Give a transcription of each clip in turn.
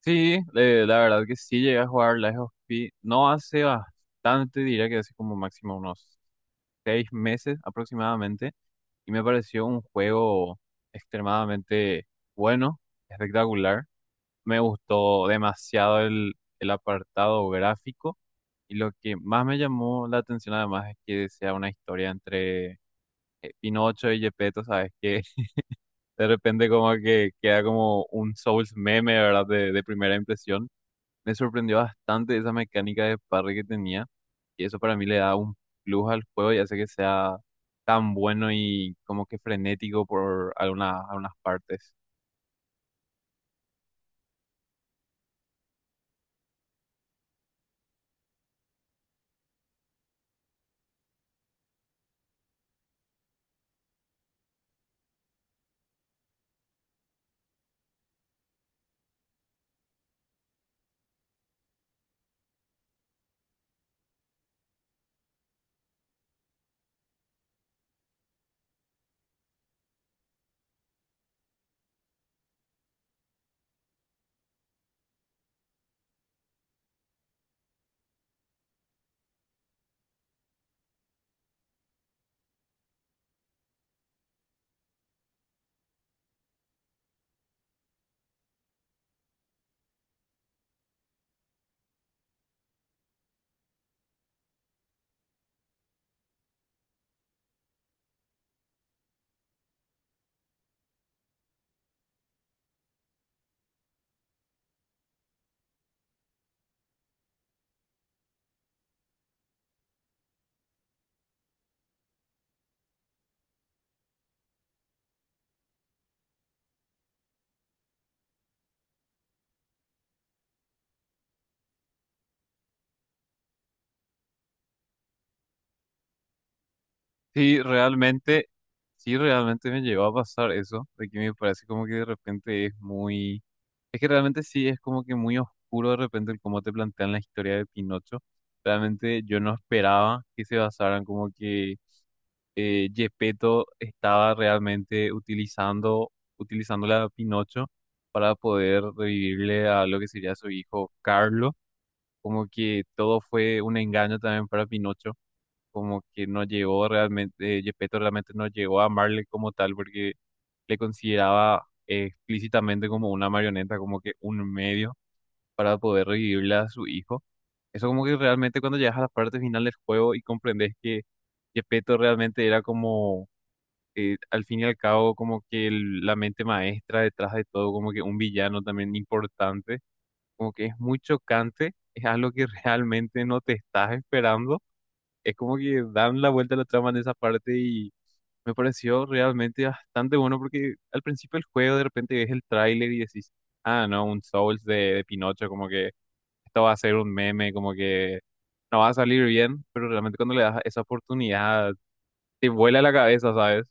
Sí, la verdad que sí llegué a jugar Lies of P. No hace bastante, diría que hace como máximo unos 6 meses aproximadamente. Y me pareció un juego extremadamente bueno, espectacular. Me gustó demasiado el apartado gráfico. Y lo que más me llamó la atención además es que sea una historia entre Pinocho y Gepetto, ¿sabes? Que de repente como que queda como un Souls meme, ¿verdad? De primera impresión me sorprendió bastante esa mecánica de parry que tenía. Y eso para mí le da un plus al juego y hace que sea tan bueno y como que frenético por algunas partes. Sí, realmente, sí, realmente me llegó a pasar eso, de que me parece como que de repente es muy. Es que realmente sí, es como que muy oscuro de repente el cómo te plantean la historia de Pinocho. Realmente yo no esperaba que se basaran como que Gepetto estaba realmente utilizando la Pinocho para poder revivirle a lo que sería su hijo Carlo. Como que todo fue un engaño también para Pinocho, como que no llegó realmente, Gepetto realmente no llegó a amarle como tal porque le consideraba explícitamente como una marioneta, como que un medio para poder revivirle a su hijo. Eso como que realmente cuando llegas a la parte final del juego y comprendes que Gepetto realmente era como al fin y al cabo, como que la mente maestra detrás de todo, como que un villano también importante, como que es muy chocante, es algo que realmente no te estás esperando. Es como que dan la vuelta a la trama en esa parte y me pareció realmente bastante bueno porque al principio del juego de repente ves el tráiler y decís, ah, no, un Souls de Pinocho, como que esto va a ser un meme, como que no va a salir bien, pero realmente cuando le das esa oportunidad te vuela la cabeza, ¿sabes?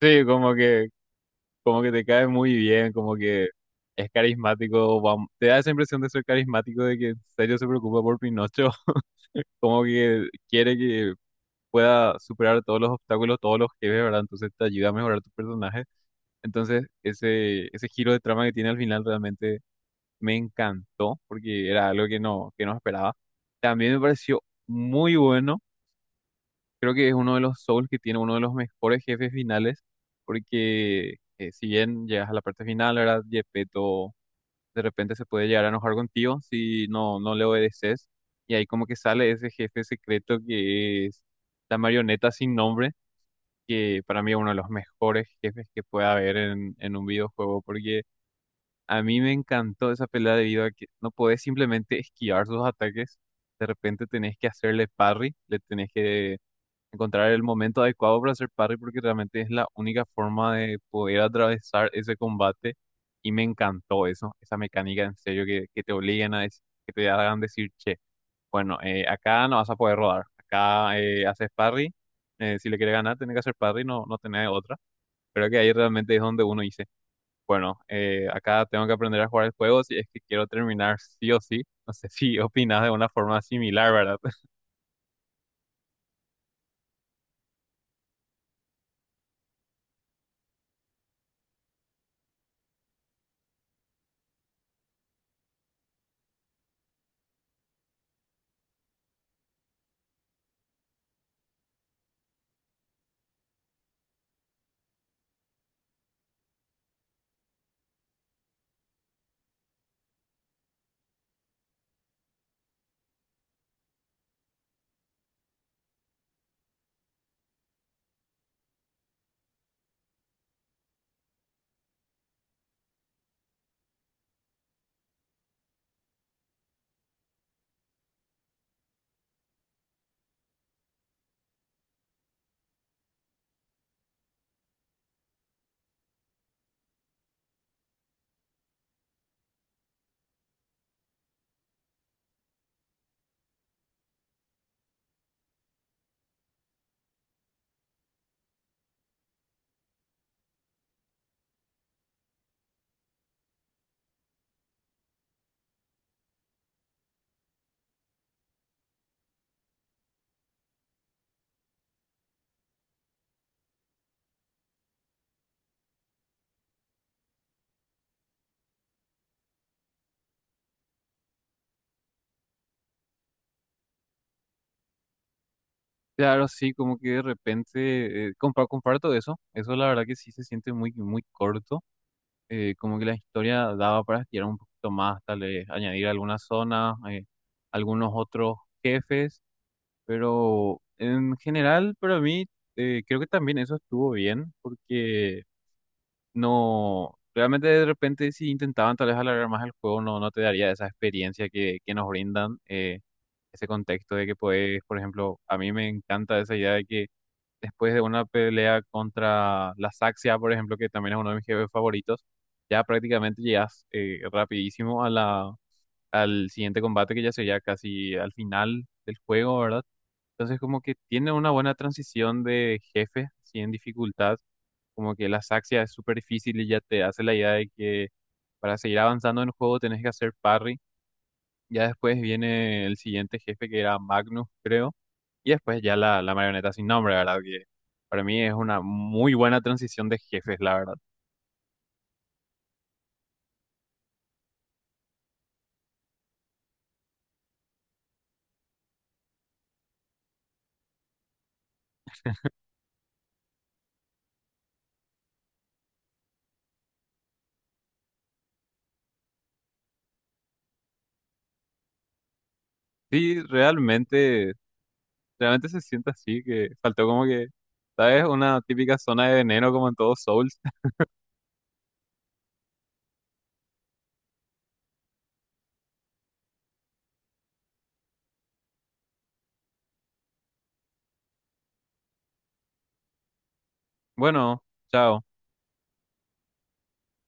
Sí, como que te cae muy bien, como que es carismático, te da esa impresión de ser carismático, de que en serio se preocupa por Pinocho, como que quiere que pueda superar todos los obstáculos, todos los jefes, ¿verdad? Entonces te ayuda a mejorar tu personaje. Entonces ese giro de trama que tiene al final realmente me encantó, porque era algo que no esperaba. También me pareció muy bueno. Creo que es uno de los Souls que tiene uno de los mejores jefes finales, porque si bien llegas a la parte final, ¿verdad? Geppetto de repente se puede llegar a enojar contigo si no, no le obedeces. Y ahí como que sale ese jefe secreto que es la marioneta sin nombre, que para mí es uno de los mejores jefes que puede haber en un videojuego, porque a mí me encantó esa pelea debido a que no podés simplemente esquivar sus ataques, de repente tenés que hacerle parry, le tenés que encontrar el momento adecuado para hacer parry porque realmente es la única forma de poder atravesar ese combate y me encantó eso, esa mecánica en serio que te obliguen a decir, que te hagan decir, che, bueno, acá no vas a poder rodar, acá haces parry, si le quieres ganar tenés que hacer parry, no, no tenés otra, pero que ahí realmente es donde uno dice, bueno, acá tengo que aprender a jugar el juego si es que quiero terminar sí o sí, no sé si opinas de una forma similar, ¿verdad? Claro, sí, como que de repente comparto eso. Eso la verdad que sí se siente muy, muy corto. Como que la historia daba para estirar un poquito más, tal vez añadir algunas zonas, algunos otros jefes. Pero en general, para mí, creo que también eso estuvo bien, porque no, realmente de repente si intentaban tal vez alargar más el juego, no, no te daría esa experiencia que nos brindan. Ese contexto de que puedes, por ejemplo, a mí me encanta esa idea de que después de una pelea contra la Saxia, por ejemplo, que también es uno de mis jefes favoritos, ya prácticamente llegas rapidísimo a al siguiente combate que ya sería casi al final del juego, ¿verdad? Entonces como que tiene una buena transición de jefe, así en dificultad, como que la Saxia es súper difícil y ya te hace la idea de que para seguir avanzando en el juego tenés que hacer parry. Ya después viene el siguiente jefe que era Magnus, creo. Y después ya la marioneta sin nombre, ¿verdad? Que para mí es una muy buena transición de jefes, la verdad. Sí, realmente, se siente así, que faltó como que, ¿sabes? Una típica zona de veneno como en todos Souls. Bueno, chao.